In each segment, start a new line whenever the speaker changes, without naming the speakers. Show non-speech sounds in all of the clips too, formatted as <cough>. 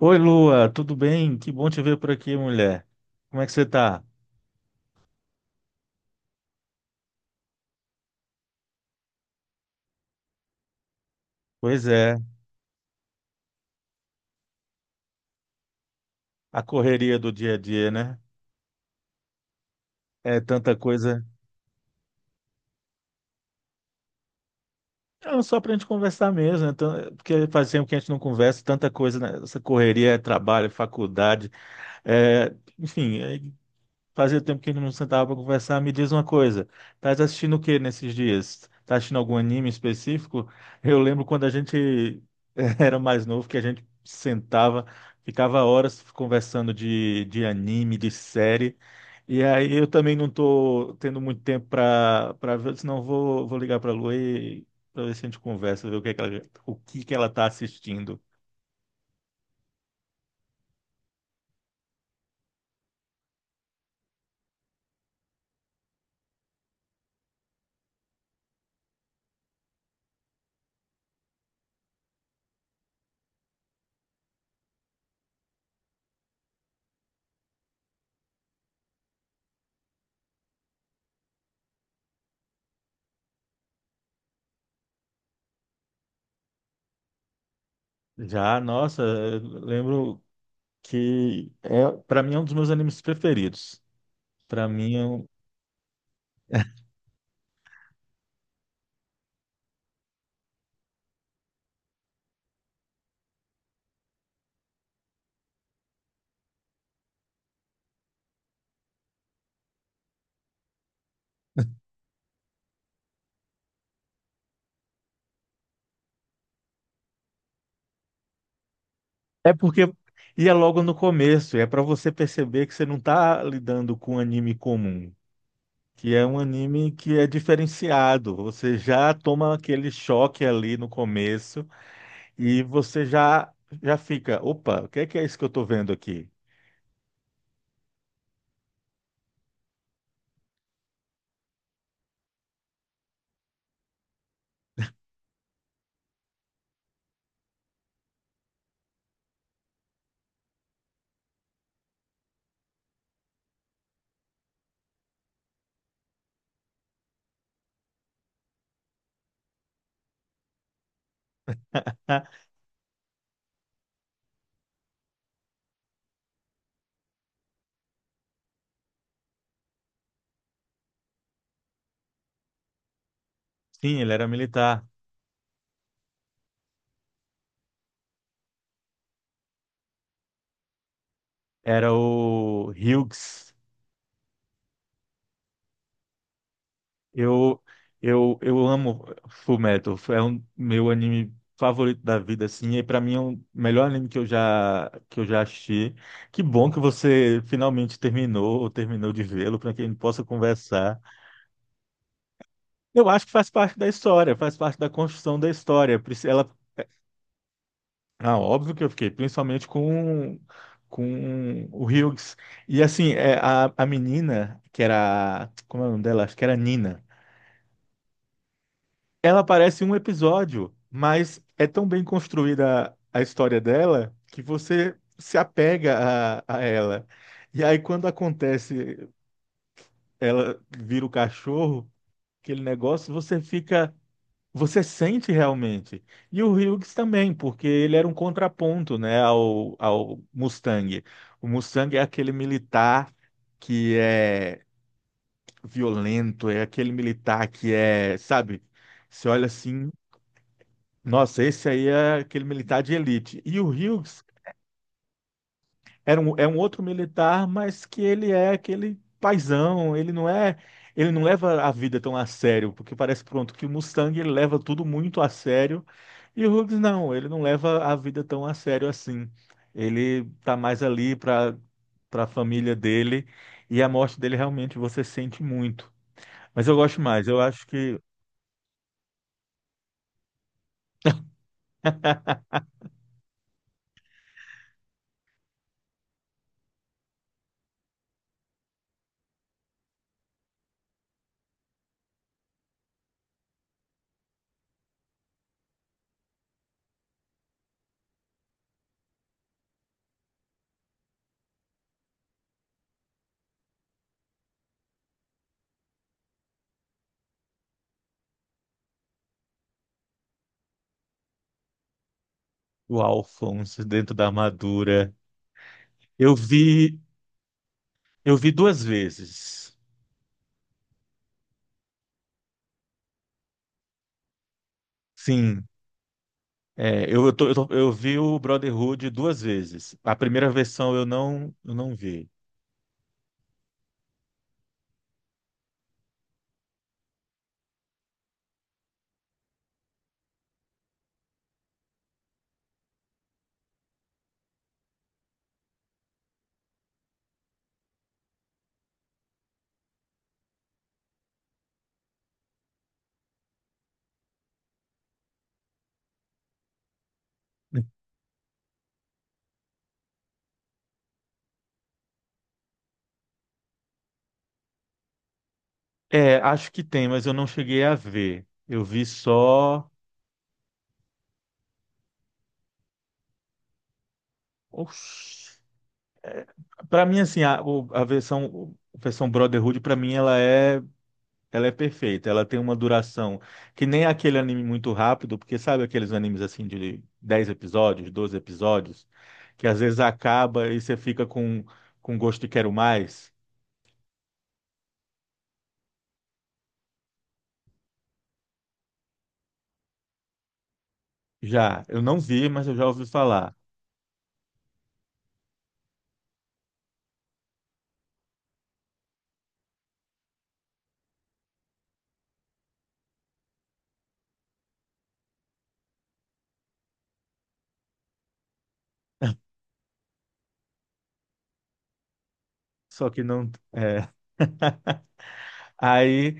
Oi, Lua, tudo bem? Que bom te ver por aqui, mulher. Como é que você tá? Pois é, a correria do dia a dia, né? É tanta coisa. Não, só pra gente conversar mesmo, né? Porque faz tempo que a gente não conversa, tanta coisa, né? Essa correria é trabalho, faculdade, enfim, fazia tempo que a gente não sentava para conversar. Me diz uma coisa, estás assistindo o que nesses dias? Tá assistindo algum anime específico? Eu lembro quando a gente <laughs> era mais novo, que a gente sentava, ficava horas conversando de anime, de série. E aí eu também não tô tendo muito tempo para ver, senão vou ligar para a Lua e para ver se a gente conversa, ver o que é que ela, o que que ela tá assistindo. Já, nossa, eu lembro que para mim é um dos meus animes preferidos. Para mim, é porque e é logo no começo, é para você perceber que você não está lidando com um anime comum, que é um anime que é diferenciado. Você já toma aquele choque ali no começo e você já fica, opa, o que é isso que eu estou vendo aqui? Ah, sim, ele era militar, era o Hughes. Eu, eu amo Fullmetal, é um meu anime favorito da vida, assim, e para mim é o melhor anime que eu já assisti. Que bom que você finalmente terminou ou terminou de vê-lo para que a gente possa conversar. Eu acho que faz parte da história, faz parte da construção da história. Ela, ah, óbvio que eu fiquei, principalmente com o Hughes. E assim, é, a menina que era, como é o nome dela? Acho que era Nina. Ela aparece em um episódio, mas é tão bem construída a história dela que você se apega a ela. E aí, quando acontece, ela vira o cachorro, aquele negócio, você fica. Você sente realmente. E o Hughes também, porque ele era um contraponto, né, ao Mustang. O Mustang é aquele militar que é violento, é aquele militar que é, sabe? Você olha assim. Nossa, esse aí é aquele militar de elite. E o Hughes era um, é um outro militar, mas que ele é aquele paizão, ele não leva a vida tão a sério, porque parece pronto que o Mustang ele leva tudo muito a sério, e o Hughes não, ele não leva a vida tão a sério assim. Ele tá mais ali para para a família dele, e a morte dele realmente você sente muito. Mas eu gosto mais, eu acho que o Alphonse dentro da armadura. Eu vi Eu vi duas vezes. Sim. É, eu vi o Brotherhood duas vezes. A primeira versão eu não vi. É, acho que tem, mas eu não cheguei a ver. Eu vi só. Oxi. É, para mim, assim, a versão Brotherhood, para mim, ela é perfeita, ela tem uma duração que nem aquele anime muito rápido, porque sabe aqueles animes assim de 10 episódios, 12 episódios, que às vezes acaba e você fica com gosto de quero mais? Já, eu não vi, mas eu já ouvi falar. Só que não. É. <laughs> Aí,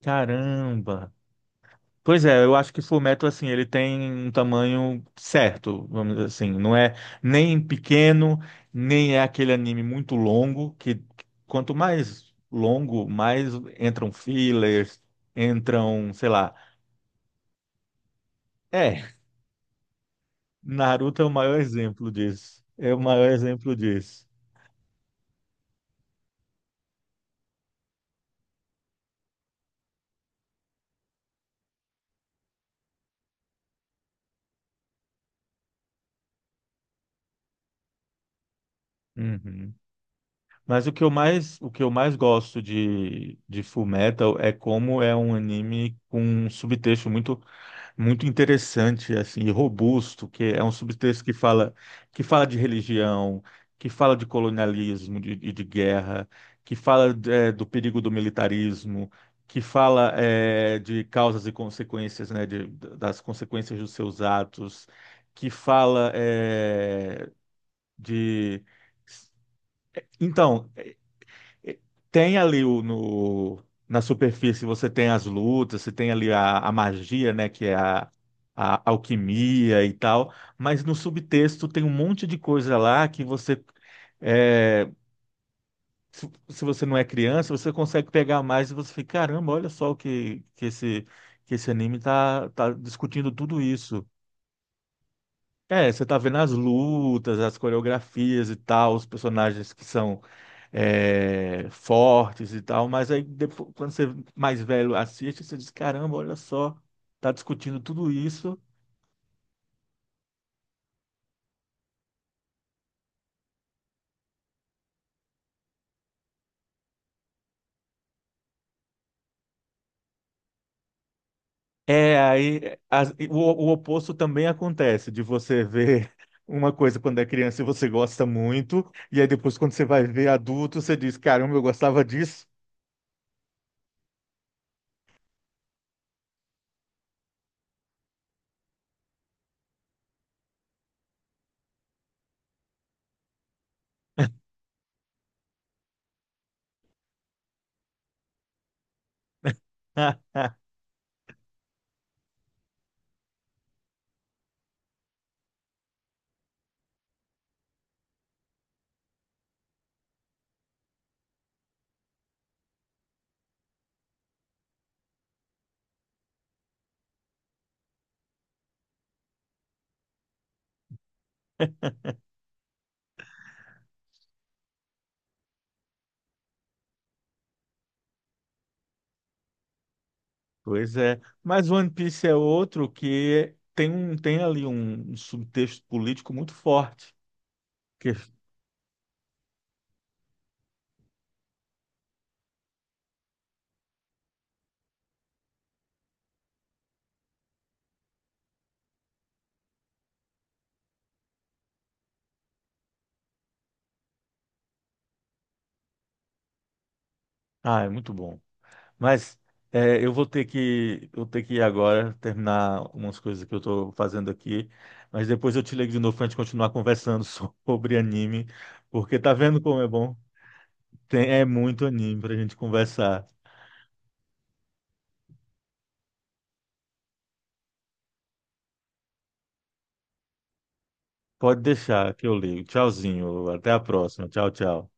caramba! Pois é, eu acho que Fullmetal, assim, ele tem um tamanho certo, vamos dizer assim. Não é nem pequeno, nem é aquele anime muito longo, que quanto mais longo, mais entram fillers, entram, sei lá. É, Naruto é o maior exemplo disso. É o maior exemplo disso. Uhum. Mas o que eu mais gosto de Fullmetal é como é um anime com um subtexto muito muito interessante assim e robusto, que é um subtexto que fala de religião, que fala de colonialismo e de guerra, que fala é, do perigo do militarismo, que fala é, de causas e consequências, né, de, das consequências dos seus atos, que fala é, de então tem ali o, no, na superfície, você tem as lutas, você tem ali a magia, né, que é a alquimia e tal, mas no subtexto tem um monte de coisa lá que você, é, se você não é criança, você consegue pegar mais e você fica, caramba, olha só que esse anime tá discutindo tudo isso. É, você tá vendo as lutas, as coreografias e tal, os personagens que são é, fortes e tal, mas aí depois, quando você mais velho assiste, você diz, caramba, olha só, tá discutindo tudo isso. É, o oposto também acontece, de você ver <laughs> uma coisa quando é criança e você gosta muito, e aí depois quando você vai ver adulto, você diz, caramba, eu gostava disso. <laughs> Pois é, mas One Piece é outro que tem, um, tem ali um subtexto político muito forte. Que, <laughs> ah, é muito bom. Mas é, eu ter que ir agora terminar umas coisas que eu estou fazendo aqui, mas depois eu te ligo de novo para a gente continuar conversando <laughs> sobre anime, porque tá vendo como é bom? Tem, é muito anime para a gente conversar. Pode deixar que eu ligo. Tchauzinho, até a próxima. Tchau, tchau.